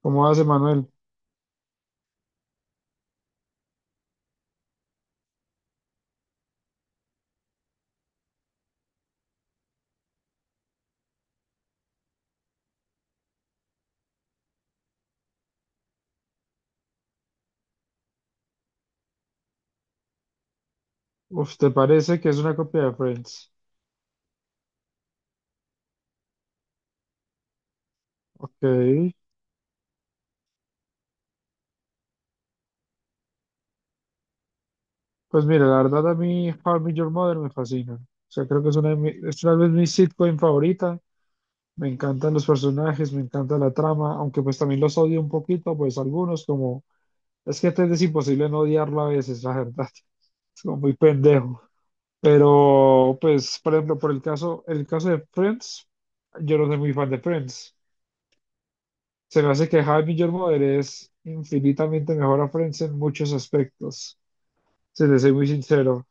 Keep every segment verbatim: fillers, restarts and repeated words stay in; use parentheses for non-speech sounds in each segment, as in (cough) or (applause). ¿Cómo hace Manuel? Uf, ¿te parece que es una copia de Friends? Ok. Pues mira, la verdad a mí How I Met Your Mother me fascina. O sea, creo que es una de mi- es tal vez mi sitcom favorita. Me encantan los personajes, me encanta la trama, aunque pues también los odio un poquito, pues algunos como... Es que es imposible no odiarlo a veces, la verdad. (laughs) Es como muy pendejo. Pero pues, por ejemplo, por el caso, el caso de Friends, yo no soy muy fan de Friends. Se me hace que Jaime Jormoder es infinitamente mejor a Friends en muchos aspectos, si te soy muy sincero.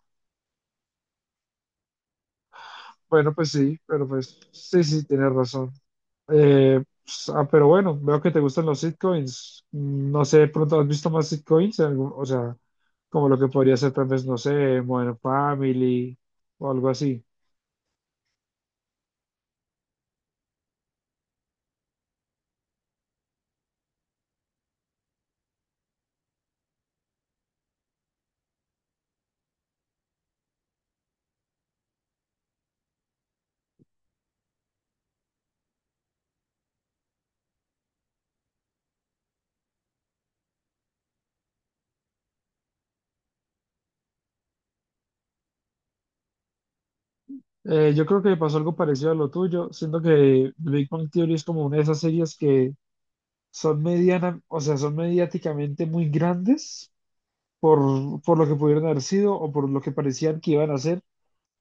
Bueno, pues sí, pero pues sí, sí, tienes razón. Eh, pues, ah, pero bueno, veo que te gustan los sitcoms. No sé, de pronto has visto más sitcoms, Algún- o sea, como lo que podría ser tal vez, no sé, Modern Family o algo así. Eh, yo creo que me pasó algo parecido a lo tuyo, siento que Big Bang Theory es como una de esas series que son mediana, o sea, son mediáticamente muy grandes por, por lo que pudieron haber sido o por lo que parecían que iban a hacer,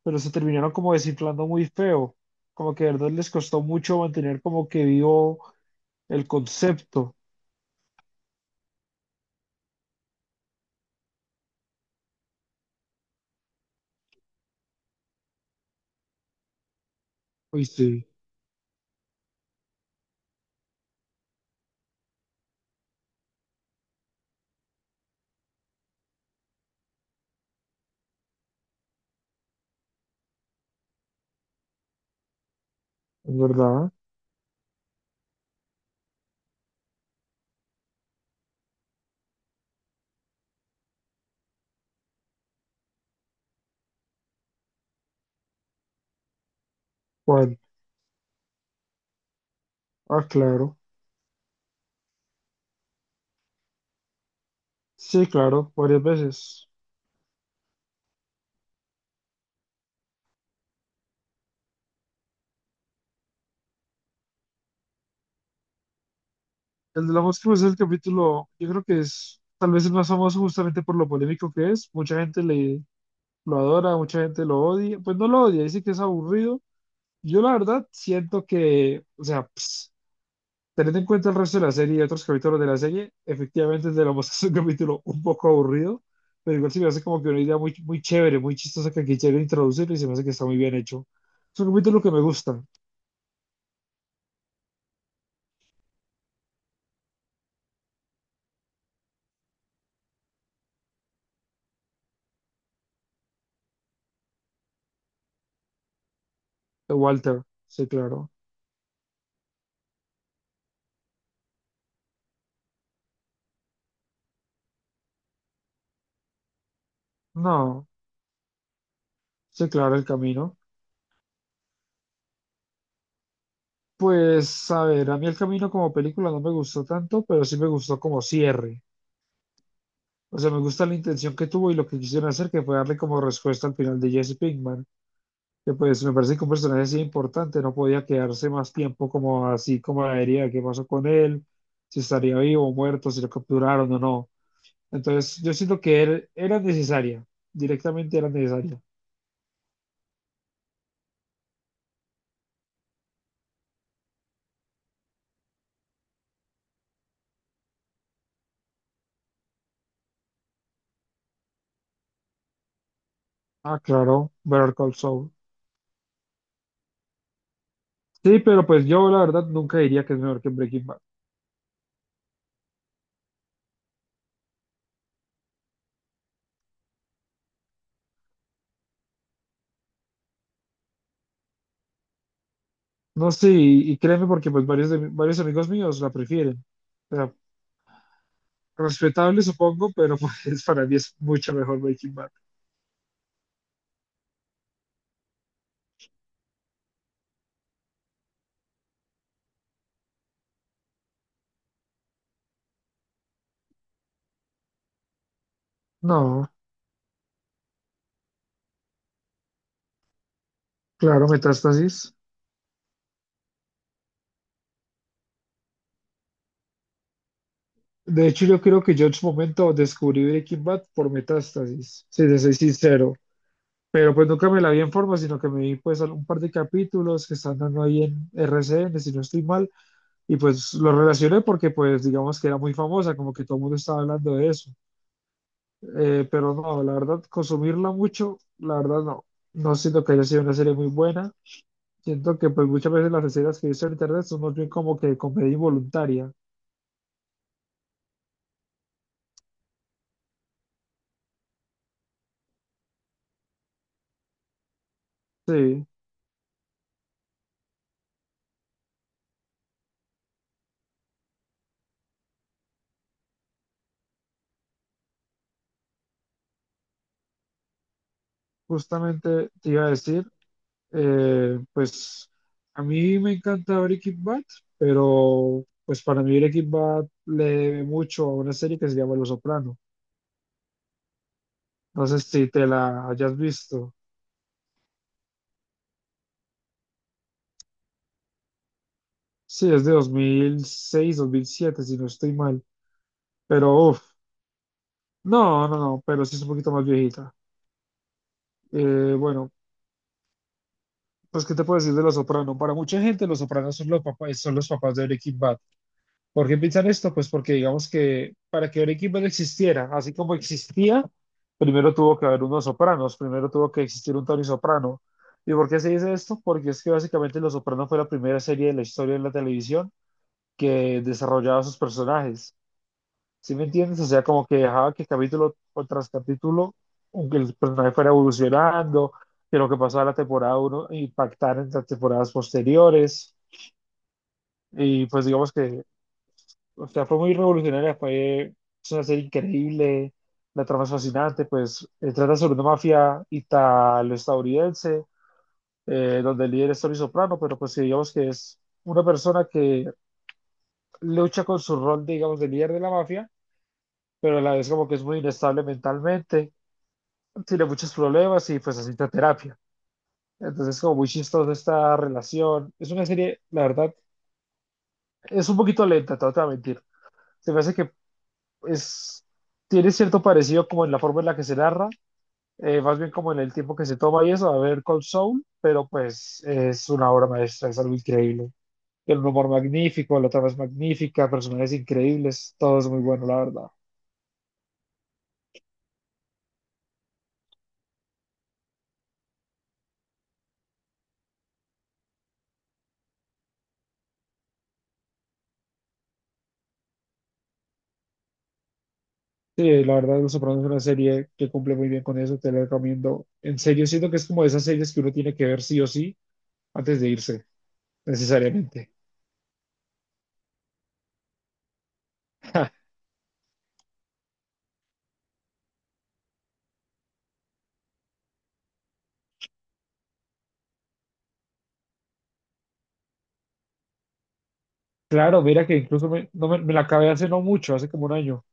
pero se terminaron como desinflando muy feo, como que de verdad les costó mucho mantener como que vivo el concepto. Uy, sí, es verdad. ¿Cuál? Ah, claro. Sí, claro, varias veces. El de la mosca pues, es el capítulo, yo creo que es tal vez el más famoso justamente por lo polémico que es. Mucha gente le, lo adora, mucha gente lo odia. Pues no lo odia, dice que es aburrido. Yo la verdad siento que, o sea, teniendo en cuenta el resto de la serie y otros capítulos de la serie, efectivamente te lo mostraste un capítulo un poco aburrido, pero igual se me hace como que una idea muy, muy chévere, muy chistosa que quisieron introducir y se me hace que está muy bien hecho. Es un capítulo que me gusta, de Walter, sí, claro. No, sí, claro, el camino. Pues, a ver, a mí el camino como película no me gustó tanto, pero sí me gustó como cierre. O sea, me gusta la intención que tuvo y lo que quisieron hacer, que fue darle como respuesta al final de Jesse Pinkman, que, pues me parece que un personaje así importante no podía quedarse más tiempo como así como la herida, qué pasó con él, si estaría vivo o muerto, si lo capturaron o no. Entonces yo siento que él era necesaria, directamente era necesaria. Ah, claro, Better Call Saul. Sí, pero pues yo la verdad nunca diría que es mejor que Breaking Bad. No sé, y, y créeme porque pues varios, de mi- varios amigos míos la prefieren. O sea, respetable supongo, pero (laughs) pues para mí es mucho mejor Breaking Bad. No, claro, Metástasis. De hecho, yo creo que yo en su momento descubrí Breaking Bad por Metástasis, si te soy sincero. Pero pues nunca me la vi en forma, sino que me vi pues un par de capítulos que están dando ahí en R C N, si no estoy mal, y pues lo relacioné porque pues digamos que era muy famosa, como que todo el mundo estaba hablando de eso. Eh, pero no, la verdad, consumirla mucho, la verdad no. No siento que haya sido una serie muy buena. Siento que pues muchas veces las reseñas que he visto en internet son más bien como que comedia involuntaria. Sí. Justamente te iba a decir, eh, pues a mí me encanta Breaking Bad, pero pues para mí Breaking Bad le debe mucho a una serie que se llama Los Soprano. No sé si te la hayas visto. Sí, es de dos mil seis, dos mil siete, si no estoy mal. Pero uff, no, no, no, pero sí es un poquito más viejita. Eh, bueno, pues ¿qué te puedo decir de Los Soprano? Para mucha gente Los Sopranos son los papás, son los papás de Breaking Bad. ¿Por qué piensan esto? Pues porque digamos que para que un equipo existiera, así como existía, primero tuvo que haber unos sopranos, primero tuvo que existir un Tony Soprano. ¿Y por qué se dice esto? Porque es que básicamente Los Soprano fue la primera serie de la historia de la televisión que desarrollaba sus personajes. ¿Sí me entiendes? O sea, como que dejaba que capítulo tras capítulo, aunque el personaje fuera evolucionando, que lo que pasaba en la temporada uno impactara en las temporadas posteriores. Y pues digamos que, o sea, fue muy revolucionaria, fue, es una serie increíble, la trama es fascinante, pues eh, trata sobre una mafia italo-estadounidense, eh, donde el líder es Tony Soprano, pero pues que digamos que es una persona que lucha con su rol, digamos, de líder de la mafia, pero a la vez como que es muy inestable mentalmente, tiene muchos problemas y pues asiste a terapia. Entonces como muy chistosa esta relación. Es una serie, la verdad, es un poquito lenta, te voy a mentir. Se me hace que es, tiene cierto parecido como en la forma en la que se narra, eh, más bien como en el tiempo que se toma y eso, a ver con Soul, pero pues es una obra maestra, es algo increíble. El humor magnífico, la trama es magnífica, personajes increíbles, todo es muy bueno, la verdad. Sí, la verdad, Los Sopranos es una serie que cumple muy bien con eso, te la recomiendo. En serio, siento que es como de esas series que uno tiene que ver sí o sí antes de irse, necesariamente. (laughs) Claro, mira que incluso me, no me, me la acabé hace no mucho, hace como un año.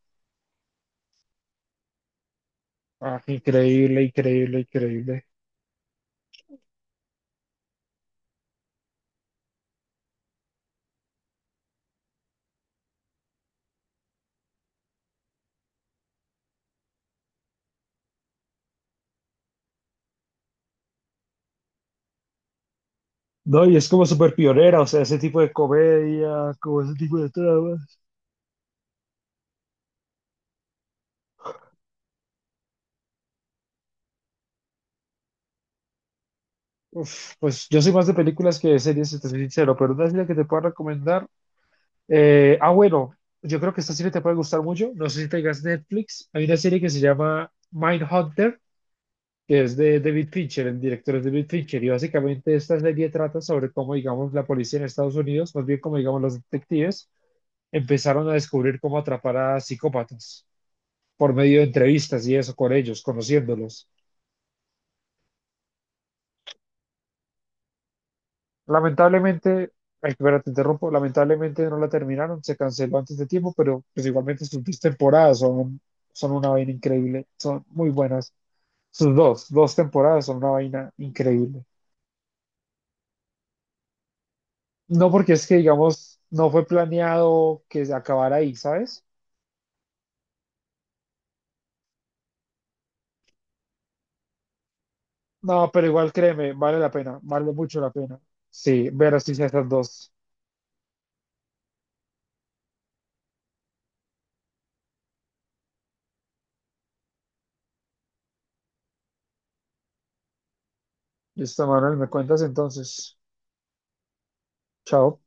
Ah, increíble, increíble, increíble. No, y es como súper pionera, o sea, ese tipo de comedia, como ese tipo de tramas. Uf, pues yo soy más de películas que de series, si te soy sincero, pero una serie que te puedo recomendar. Eh, ah, bueno, yo creo que esta serie te puede gustar mucho. No sé si tengas Netflix. Hay una serie que se llama Mindhunter, que es de David Fincher, el director es David Fincher, y básicamente esta serie trata sobre cómo, digamos, la policía en Estados Unidos, más bien como, digamos, los detectives, empezaron a descubrir cómo atrapar a psicópatas por medio de entrevistas y eso con ellos, conociéndolos. Lamentablemente, ay, espera, te interrumpo, lamentablemente no la terminaron, se canceló antes de tiempo, pero pues igualmente sus dos temporadas son, un- son una vaina increíble, son muy buenas. Sus dos, dos temporadas son una vaina increíble. No porque es que, digamos, no fue planeado que se acabara ahí, ¿sabes? No, pero igual créeme, vale la pena, vale mucho la pena. Sí, ver así esas dos. Listo, Manuel, me cuentas entonces. Chao.